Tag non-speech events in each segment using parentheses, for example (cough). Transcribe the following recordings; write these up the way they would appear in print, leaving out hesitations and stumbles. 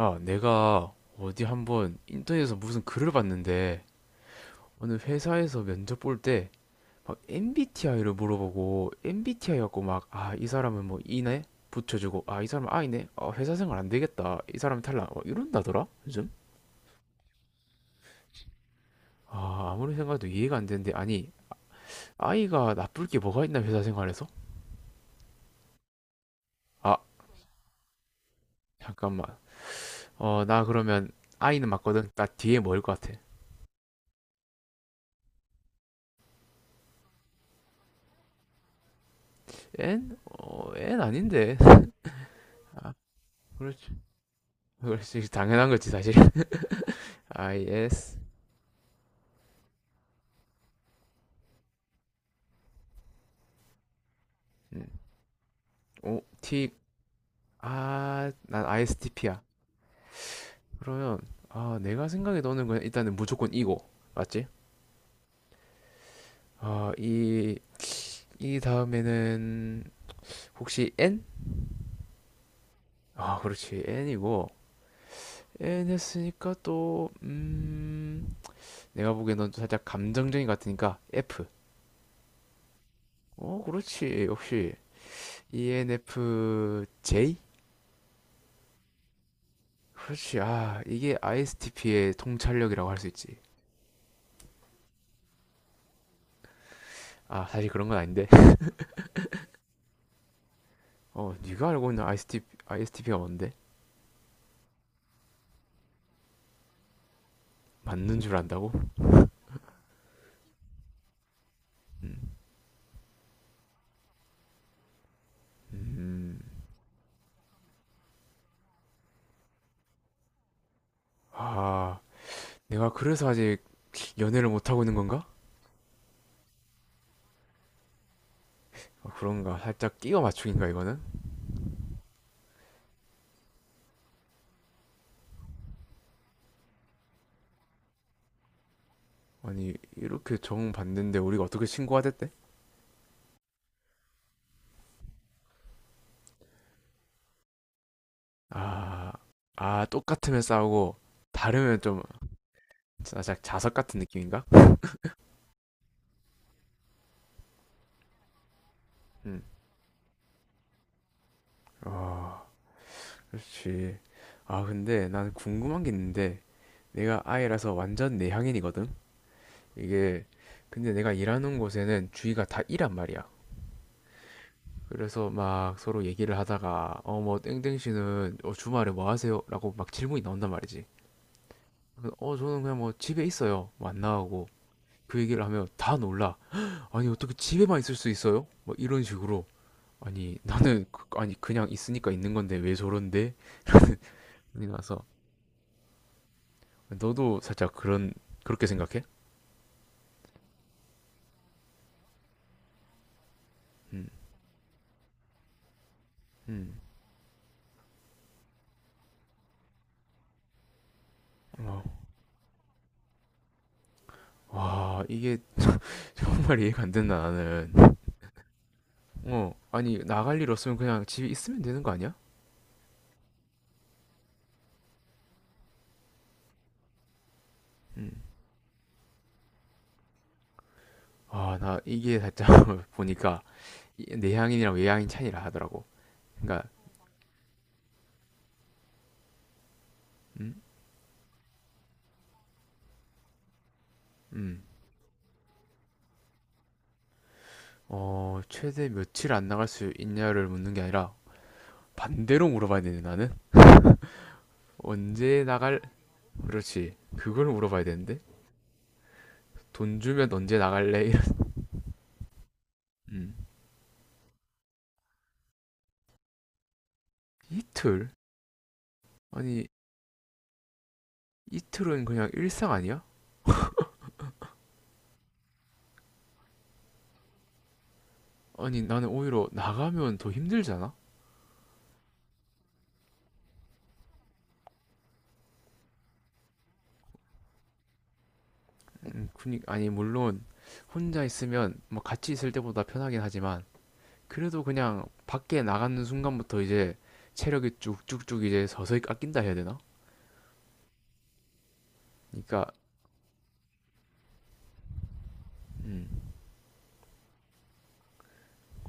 야, 내가 어디 한번 인터넷에서 무슨 글을 봤는데 어느 회사에서 면접 볼 때 막 MBTI를 물어보고 MBTI 갖고 막 아, 이 사람은 뭐 E네 붙여주고 아, 이 사람은 I네 아, 회사 생활 안 되겠다 이 사람은 탈락 막 이런다더라 요즘. 아, 아무리 생각해도 이해가 안 되는데 아니 I가 나쁠 게 뭐가 있나 회사 생활에서. 아, 잠깐만. 나 그러면 I는 맞거든. 나 뒤에 뭐일 것 같아? N? N 아닌데. (laughs) 그렇지. 그렇지, 당연한 거지 사실. IS. 음, O T. 아, 난 ISTP야. 그러면 아, 내가 생각에 넣는 건 일단은 무조건 이고, 맞지? 아이 이이 다음에는 혹시 N? 아, 그렇지, N이고. N 했으니까 또 내가 보기엔 넌 살짝 감정적인 것 같으니까 F. 어, 그렇지 역시. ENFJ? 그렇지. 아, 이게 ISTP의 통찰력이라고 할 수 있지. 아, 사실 그런 건 아닌데. 어, 네가 알고 있는 ISTP가 뭔데? 맞는 줄 안다고? 음. 아, 내가 그래서 아직 연애를 못하고 있는 건가? 아, 그런가? 살짝 끼워 맞추기인가, 이거는? 아니, 이렇게 정 받는데 우리가 어떻게 신고가 됐대? 아. 아, 똑같으면 싸우고, 다르면 좀, 살짝 자석 같은 느낌인가? 응. 아, 그렇지. 아, 근데 난 궁금한 게 있는데, 내가 아이라서 완전 내향인이거든? 이게, 근데 내가 일하는 곳에는 주위가 다 이란 말이야. 그래서 막 서로 얘기를 하다가 어 뭐 땡땡 씨는 주말에 뭐 하세요? 라고 막 질문이 나온단 말이지. 그래서 어 저는 그냥 뭐 집에 있어요. 뭐 안 나가고 그 얘기를 하면 다 놀라. 아니 어떻게 집에만 있을 수 있어요? 뭐 이런 식으로. 아니 나는 아니 그냥 있으니까 있는 건데 왜 저런데? 이 나서 너도 살짝 그런, 그렇게 생각해? 음. 음. 어. 와, 이게 정말 이해가 안 된다 나는. 어, 아니 나갈 일 없으면 그냥 집에 있으면 되는 거 아니야? 음. 아, 나 이게 살짝 (laughs) 보니까 내향인이랑 외향인 차이라 하더라고. 그러니까 음. 음. 어, 최대 며칠 안 나갈 수 있냐를 묻는 게 아니라 반대로 물어봐야 되네 나는. 언제 나갈? 그렇지. 그걸 물어봐야 되는데 돈 주면 언제 나갈래? 이런. (laughs) 음. 이틀? 아니 이틀은 그냥 일상 아니야? 아니 나는 오히려 나가면 더 힘들잖아. 그니 아니 물론 혼자 있으면 뭐 같이 있을 때보다 편하긴 하지만. 그래도 그냥 밖에 나가는 순간부터 이제 체력이 쭉쭉쭉 이제 서서히 깎인다 해야 되나? 그러니까 음.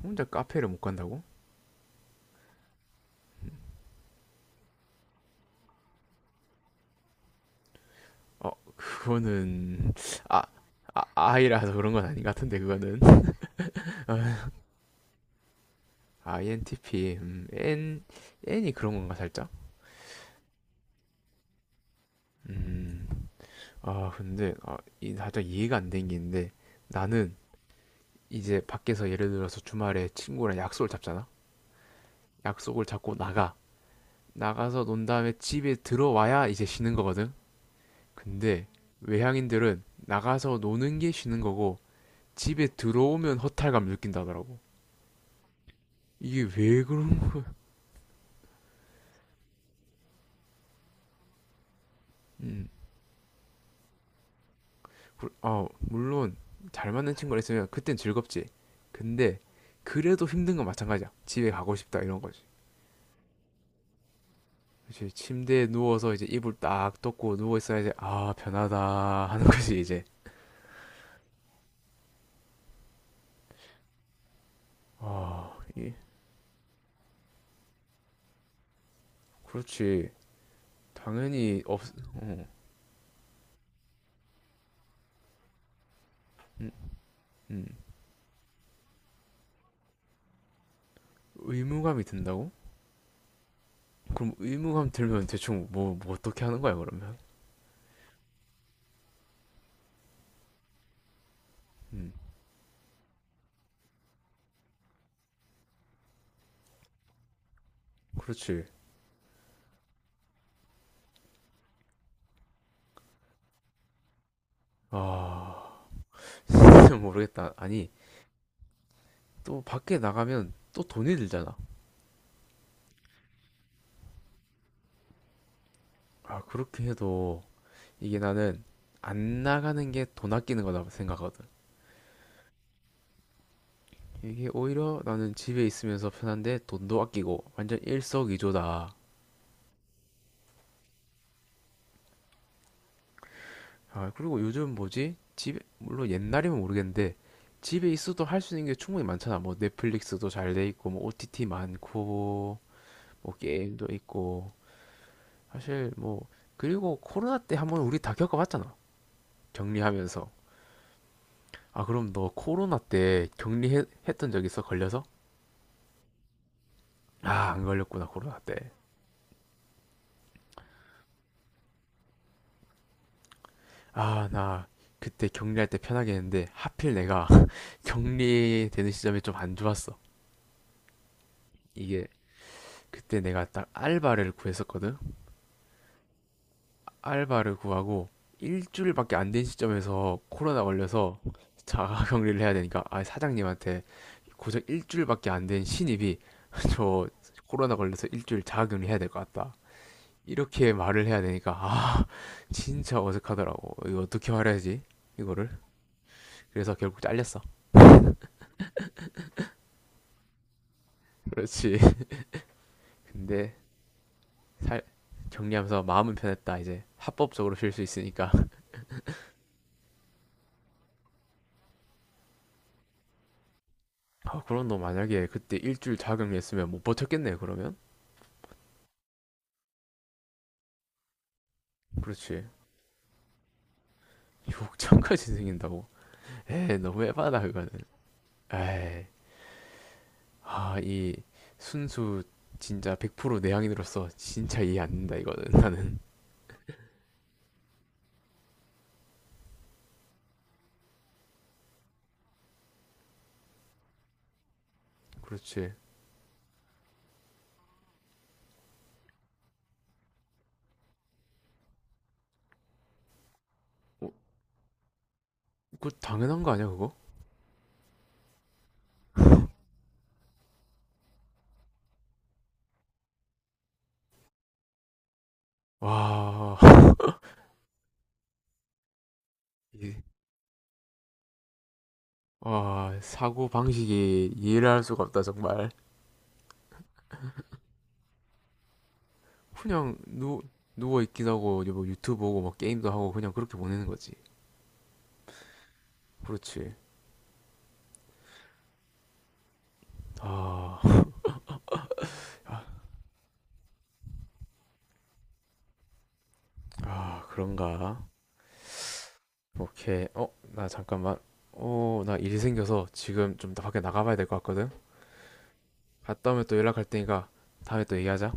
혼자 카페를 못 간다고? 어, 그거는 아, 아 아이라서 그런 건 아닌 것 같은데 그거는. (laughs) INTP. N. N이 그런 건가 살짝? 음. 아, 근데 아, 이 살짝 이해가 안 된 게 있는데 나는 이제 밖에서 예를 들어서 주말에 친구랑 약속을 잡잖아. 약속을 잡고 나가. 나가서 논 다음에 집에 들어와야 이제 쉬는 거거든. 근데 외향인들은 나가서 노는 게 쉬는 거고 집에 들어오면 허탈감 느낀다더라고. 이게 왜 그런 거야? 음. 아, 물론 잘 맞는 친구가 있으면 그땐 즐겁지. 근데 그래도 힘든 건 마찬가지야. 집에 가고 싶다 이런 거지. 그치, 침대에 누워서 이제 이불 딱 덮고 누워 있어야 이제 아 편하다 하는 거지 이제. 아, 예. 그렇지. 당연히 없. 어. 음. 음. 의무감이 든다고? 그럼 의무감 들면 대충 뭐 어떻게 하는 거야 그러면? 음. 그렇지. 아, (laughs) 진짜 모르겠다. 아니, 또 밖에 나가면 또 돈이 들잖아. 아, 그렇게 해도 이게 나는 안 나가는 게 돈 아끼는 거다 생각하거든. 이게 오히려 나는 집에 있으면서 편한데 돈도 아끼고 완전 일석이조다. 아, 그리고 요즘 뭐지? 집에, 물론 옛날이면 모르겠는데 집에 있어도 할 수 있는 게 충분히 많잖아. 뭐 넷플릭스도 잘 돼 있고, 뭐 OTT 많고, 뭐 게임도 있고 사실 뭐 그리고 코로나 때 한번 우리 다 겪어봤잖아 격리하면서. 아 그럼 너 코로나 때 격리했던 적 있어 걸려서? 아 안 걸렸구나 코로나 때. 아 나 그때 격리할 때 편하게 했는데 하필 내가 (laughs) 격리되는 시점이 좀 안 좋았어. 이게 그때 내가 딱 알바를 구했었거든. 알바를 구하고 일주일밖에 안 된 시점에서 코로나 걸려서 자가 격리를 해야 되니까 아 사장님한테 고작 일주일밖에 안 된 신입이 (laughs) 저 코로나 걸려서 일주일 자가격리 해야 될 것 같다. 이렇게 말을 해야 되니까 아 진짜 어색하더라고. 이거 어떻게 말해야지 이거를? 그래서 결국 잘렸어. (laughs) 그렇지. 근데 살 정리하면서 마음은 편했다. 이제 합법적으로 쉴 수 있으니까. (laughs) 아 그럼 너 만약에 그때 일주일 자가격리했으면 못 버텼겠네 그러면? 그렇지. 욕창까지 생긴다고. 에이 너무 해봐다 그거는. 에이 아, 이 순수 진짜 100% 내향인으로서 진짜 이해 안 된다 이거는 (laughs) 나는. 그렇지. 어, 그 당연한 거 아니야 그거? 와, (laughs) 이, 와 사고 방식이 이해를 할 수가 없다 정말. 그냥 누 누워 있기도 하고 뭐 유튜브 보고 뭐 게임도 하고 그냥 그렇게 보내는 거지. 그렇지. 아. 아. 아, 그런가? 오케이. 어, 나 잠깐만. 어, 나 일이 생겨서 지금 좀 밖에 나가봐야 될 것 같거든. 갔다 오면 또 연락할 테니까 다음에 또 얘기하자.